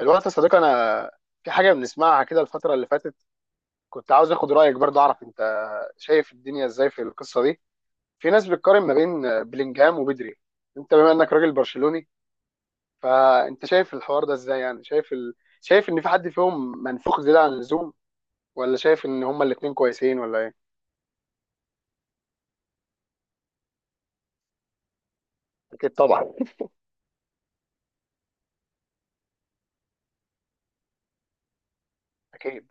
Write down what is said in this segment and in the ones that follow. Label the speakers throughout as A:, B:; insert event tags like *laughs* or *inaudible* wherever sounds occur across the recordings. A: الوقت يا صديقي، انا في حاجه بنسمعها كده الفتره اللي فاتت. كنت عاوز اخد رايك، برضه اعرف انت شايف الدنيا ازاي في القصه دي. في ناس بتقارن ما بين بلينجهام وبدري. انت، بما انك راجل برشلوني، فانت شايف الحوار ده ازاي؟ يعني شايف ان في حد فيهم منفوخ زياده عن اللزوم، ولا شايف ان هما الاثنين كويسين، ولا ايه؟ أكيد طبعا. اكيد.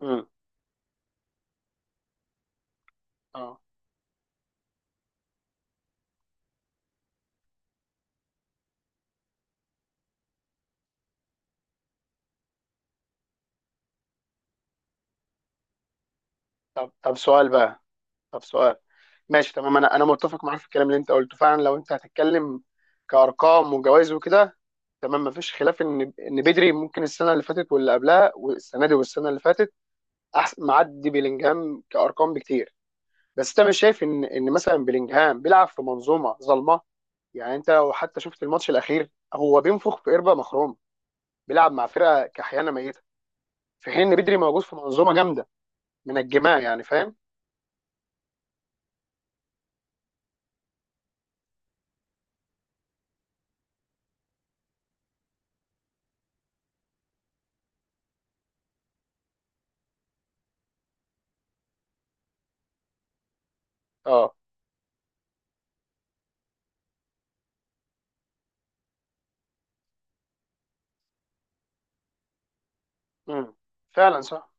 A: امم. اه. طب سؤال بقى. طب سؤال. ماشي تمام، انا متفق معاك في الكلام اللي انت قلته فعلا، لو انت هتتكلم كارقام وجوائز وكده. تمام، مفيش خلاف ان بدري ممكن السنه اللي فاتت واللي قبلها والسنه دي والسنه اللي فاتت احسن معدي بيلينجهام كارقام بكتير. بس انت مش شايف ان مثلا بيلينجهام بيلعب في منظومه ظلمه؟ يعني انت لو حتى شفت الماتش الاخير، هو بينفخ في قربه مخروم، بيلعب مع فرقه كحيانه ميته، في حين ان بدري موجود في منظومه جامده منجماه، يعني فاهم؟ اه. امم. فعلا صح.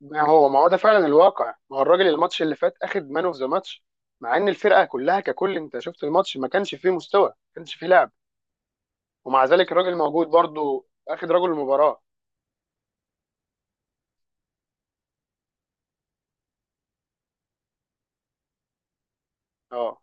A: ما هو ده فعلا الواقع، ما هو الراجل الماتش اللي فات اخد مان اوف ذا ماتش، مع ان الفرقه كلها ككل، انت شفت الماتش، ما كانش فيه مستوى، ما كانش فيه لعب، ومع ذلك الراجل موجود برضو، اخد رجل المباراه. اه.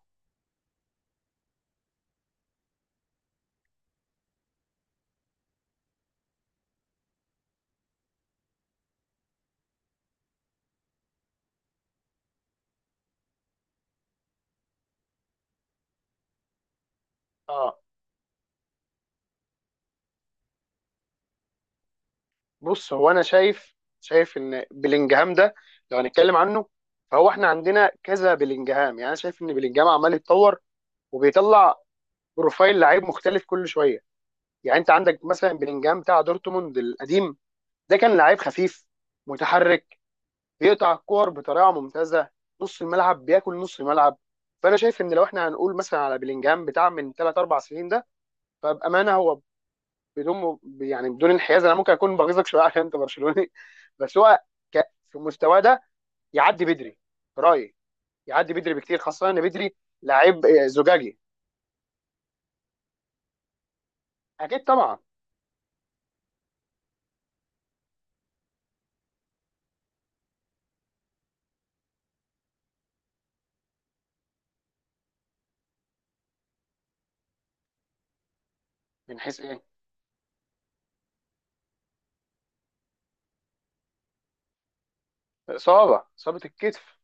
A: اه. بص هو انا شايف ان بلينجهام ده، لو هنتكلم عنه، فهو احنا عندنا كذا بلينجهام، يعني انا شايف ان بلينجهام عمال يتطور وبيطلع بروفايل لعيب مختلف كل شويه. يعني انت عندك مثلا بلينجهام بتاع دورتموند القديم، ده كان لعيب خفيف، متحرك، بيقطع الكور بطريقه ممتازه، نص الملعب بياكل نص الملعب. فانا شايف ان، لو احنا هنقول مثلا على بلينجهام بتاع من 3 4 سنين ده، فبامانه هو، بدون يعني بدون انحياز، انا ممكن اكون بغيظك شويه عشان انت برشلوني. *laughs* بس هو ك... في مستواه ده يعدي بدري، في رايي، يعدي بدري بكتير، خاصه ان بدري لعيب زجاجي. اكيد طبعا. من حيث ايه؟ اصابه، اصابه الكتف.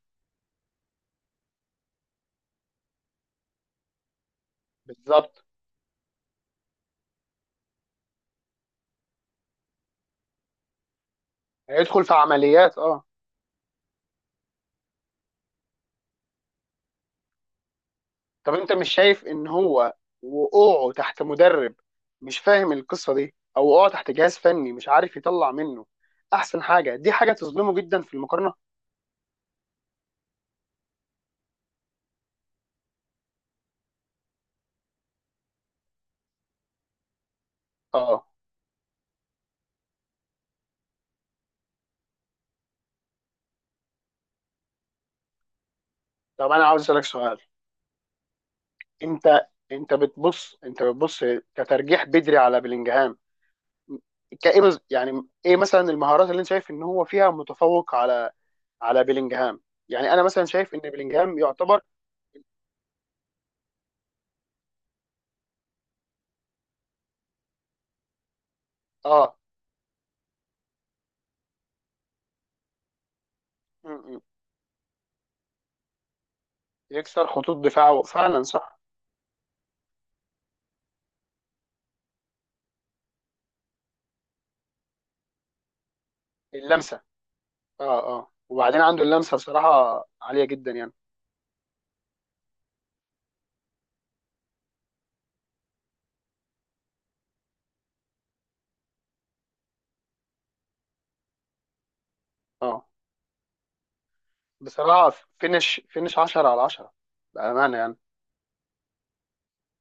A: بالظبط، هيدخل في عمليات، اه. طب انت مش شايف ان هو، وقوعه تحت مدرب مش فاهم القصه دي، او وقوعه تحت جهاز فني مش عارف يطلع منه احسن حاجه، دي حاجه تظلمه جدا في المقارنه؟ اه. طب انا عاوز اسالك سؤال. انت، انت بتبص كترجيح بدري على بلينجهام، كايه، يعني ايه مثلا المهارات اللي انت شايف ان هو فيها متفوق على بيلينجهام؟ يعني انا مثلا شايف ان بيلينجهام يعتبر. اه. م- م. يكسر خطوط دفاعه فعلا، صح. اللمسه. اه، اه، وبعدين عنده اللمسه بصراحه عاليه جدا يعني. اه بصراحه فينش فينش 10 على 10، بامانه يعني.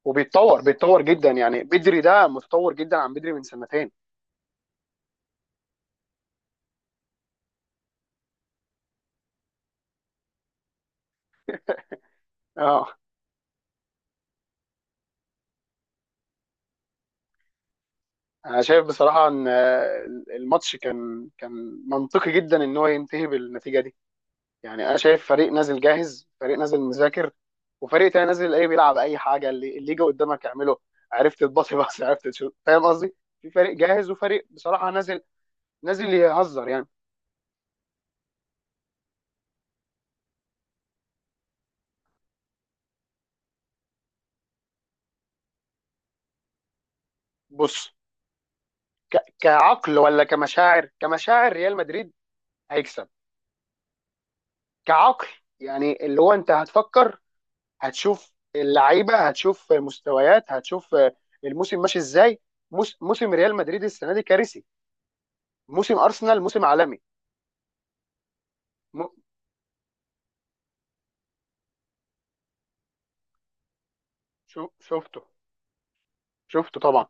A: وبيتطور بيتطور جدا، يعني بدري ده متطور جدا عن بدري من سنتين. اه. انا شايف بصراحه ان، الماتش كان منطقي جدا ان هو ينتهي بالنتيجه دي. يعني انا شايف فريق نازل جاهز، فريق نازل مذاكر، وفريق تاني نازل ايه، بيلعب اي حاجه، اللي يجي قدامك اعمله. عرفت تباصي بس، *laughs* عرفت تشوت، فاهم قصدي؟ في فريق جاهز وفريق بصراحه نازل، نازل يهزر يعني. بص، كعقل ولا كمشاعر؟ كمشاعر ريال مدريد هيكسب. كعقل، يعني اللي هو انت هتفكر، هتشوف اللعيبه، هتشوف مستويات، هتشوف الموسم ماشي ازاي. موسم ريال مدريد السنه دي كارثي، موسم ارسنال موسم عالمي. م... شو... شفته شفته طبعا.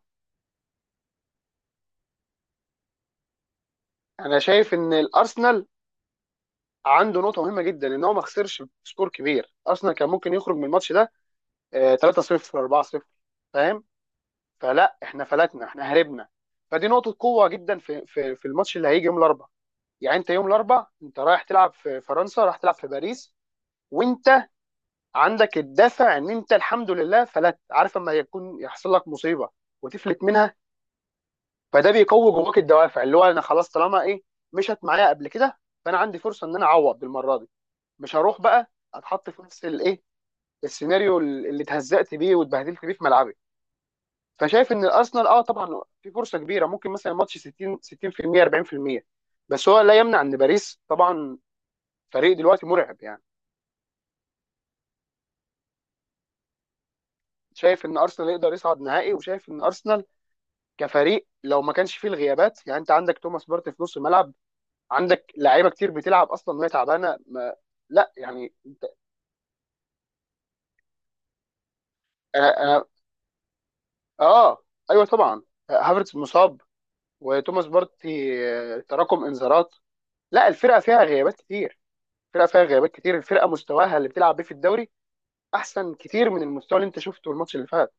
A: انا شايف ان الارسنال عنده نقطه مهمه جدا، ان هو ما خسرش سكور كبير. ارسنال كان ممكن يخرج من الماتش ده 3-0، 4-0، فاهم؟ فلا، احنا فلتنا، احنا هربنا. فدي نقطه قوه جدا في الماتش اللي هيجي يوم الاربعاء. يعني انت يوم الاربعاء، انت رايح تلعب في فرنسا، رايح تلعب في باريس، وانت عندك الدافع ان انت الحمد لله فلت. عارف، اما يكون يحصل لك مصيبه وتفلت منها، فده بيقوي جواك الدوافع اللي هو انا خلاص، طالما ايه مشت معايا قبل كده، فانا عندي فرصه ان انا اعوض بالمره دي، مش هروح بقى اتحط في نفس الايه، السيناريو اللي اتهزقت بيه واتبهدلت بيه في ملعبي. فشايف ان الارسنال، اه طبعا، في فرصه كبيره، ممكن مثلا الماتش 60، 60% 40%، بس هو لا يمنع ان باريس طبعا فريق دلوقتي مرعب يعني. شايف ان ارسنال يقدر يصعد نهائي، وشايف ان ارسنال كفريق لو ما كانش فيه الغيابات. يعني انت عندك توماس بارتي في نص الملعب، عندك لعيبه كتير بتلعب اصلا وهي تعبانه، ما لا، يعني انت. آه, آه, اه، ايوه طبعا. هافرتز مصاب، وتوماس بارتي تراكم انذارات. لا، الفرقه فيها غيابات كتير، الفرقه فيها غيابات كتير. الفرقه مستواها اللي بتلعب بيه في الدوري احسن كتير من المستوى اللي انت شفته الماتش اللي فات.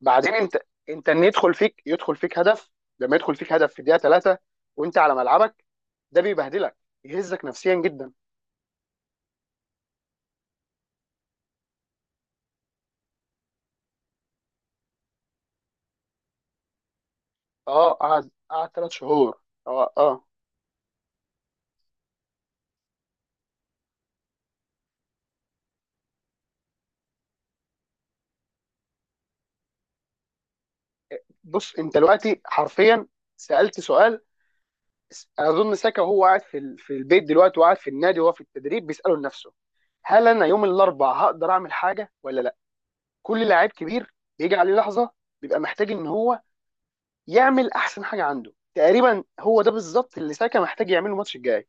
A: بعدين انت ان يدخل فيك يدخل فيك هدف، لما يدخل فيك هدف في الدقيقه 3 وانت على ملعبك، ده بيبهدلك، يهزك نفسيا جدا. اه، قعد قعد 3 شهور. اه، اه. بص انت دلوقتي حرفيا سالت سؤال. اظن ساكا وهو قاعد في في البيت دلوقتي، وقاعد في النادي وهو في التدريب، بيساله لنفسه: هل انا يوم الاربعاء هقدر اعمل حاجه ولا لا؟ كل لاعب كبير بيجي عليه لحظه، بيبقى محتاج ان هو يعمل احسن حاجه عنده، تقريبا هو ده بالظبط اللي ساكا محتاج يعمله الماتش الجاي.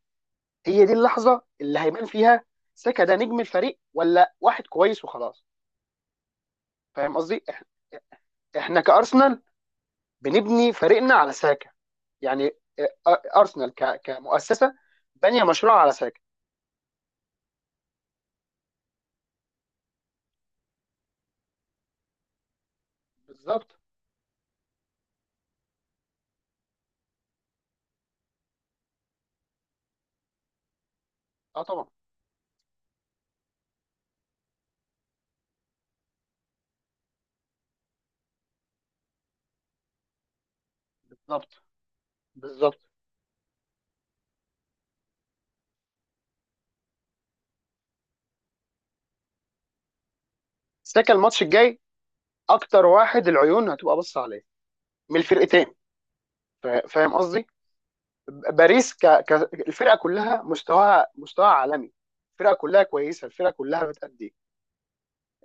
A: هي دي اللحظه اللي هيبان فيها ساكا ده نجم الفريق ولا واحد كويس وخلاص، فاهم قصدي؟ احنا كارسنال بنبني فريقنا على ساكا. يعني ارسنال كمؤسسه بانيه مشروع على ساكا. بالظبط، اه طبعا، بالظبط بالظبط. ساكا الماتش الجاي اكتر واحد العيون هتبقى بص عليه من الفرقتين، فاهم قصدي؟ باريس، الفرقه كلها مستواها عالمي، الفرقه كلها كويسه، الفرقه كلها بتأدي.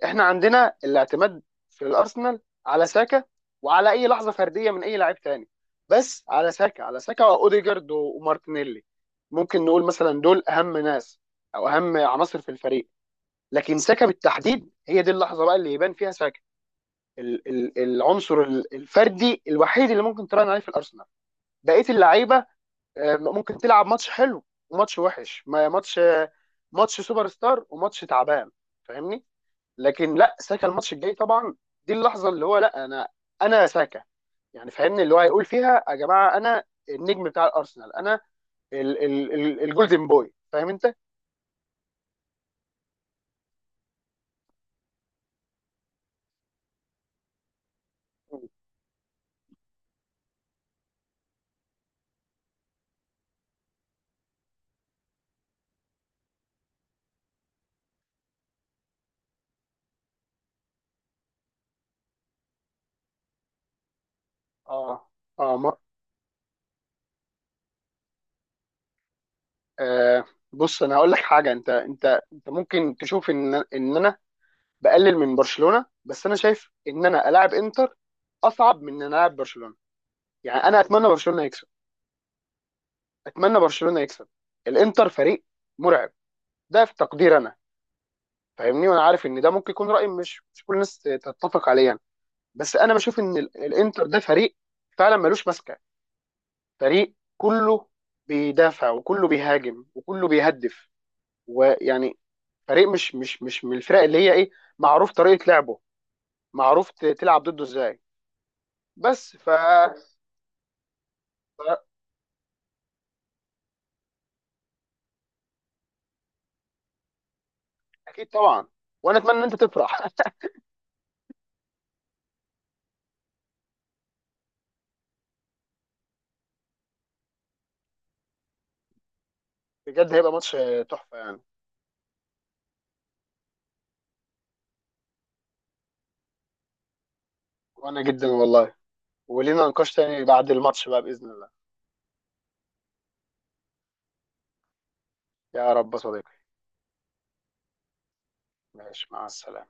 A: احنا عندنا الاعتماد في الارسنال على ساكا، وعلى اي لحظه فرديه من اي لاعب تاني، بس على ساكا. على ساكا واوديجارد ومارتينيلي، ممكن نقول مثلا دول اهم ناس او اهم عناصر في الفريق. لكن ساكا بالتحديد، هي دي اللحظه بقى اللي يبان فيها ساكا، العنصر الفردي الوحيد اللي ممكن تراهن عليه في الارسنال. بقيه اللعيبه ممكن تلعب ماتش حلو وماتش وحش، ما ماتش آه، ماتش سوبر ستار وماتش تعبان، فاهمني؟ لكن لا، ساكا الماتش الجاي طبعا دي اللحظه اللي هو، لا انا، انا ساكا، يعني فاهمني؟ اللي هو هيقول فيها: يا جماعه انا النجم بتاع الارسنال، انا ال الجولدن بوي، فاهم انت؟ اه. اه, ما آه بص انا هقول لك حاجه. انت ممكن تشوف ان انا بقلل من برشلونه، بس انا شايف ان انا العب انتر اصعب من ان انا العب برشلونه. يعني انا اتمنى برشلونه يكسب، اتمنى برشلونه يكسب. الانتر فريق مرعب، ده في تقدير انا، فاهمني؟ وانا عارف ان ده ممكن يكون راي مش كل الناس تتفق عليه يعني. بس انا بشوف ان الانتر ده فريق فعلا ملوش ماسكه، فريق كله بيدافع وكله بيهاجم وكله بيهدف ويعني، فريق مش من الفرق اللي هي ايه، معروف طريقه لعبه، معروف تلعب ضده ازاي، بس ف- اكيد طبعا، وانا اتمنى ان انت تفرح. *laughs* بجد هيبقى ماتش تحفه يعني. وانا جدا والله، ولينا نقاش تاني بعد الماتش بقى بإذن الله. يا رب يا صديقي. ماشي مع السلامة.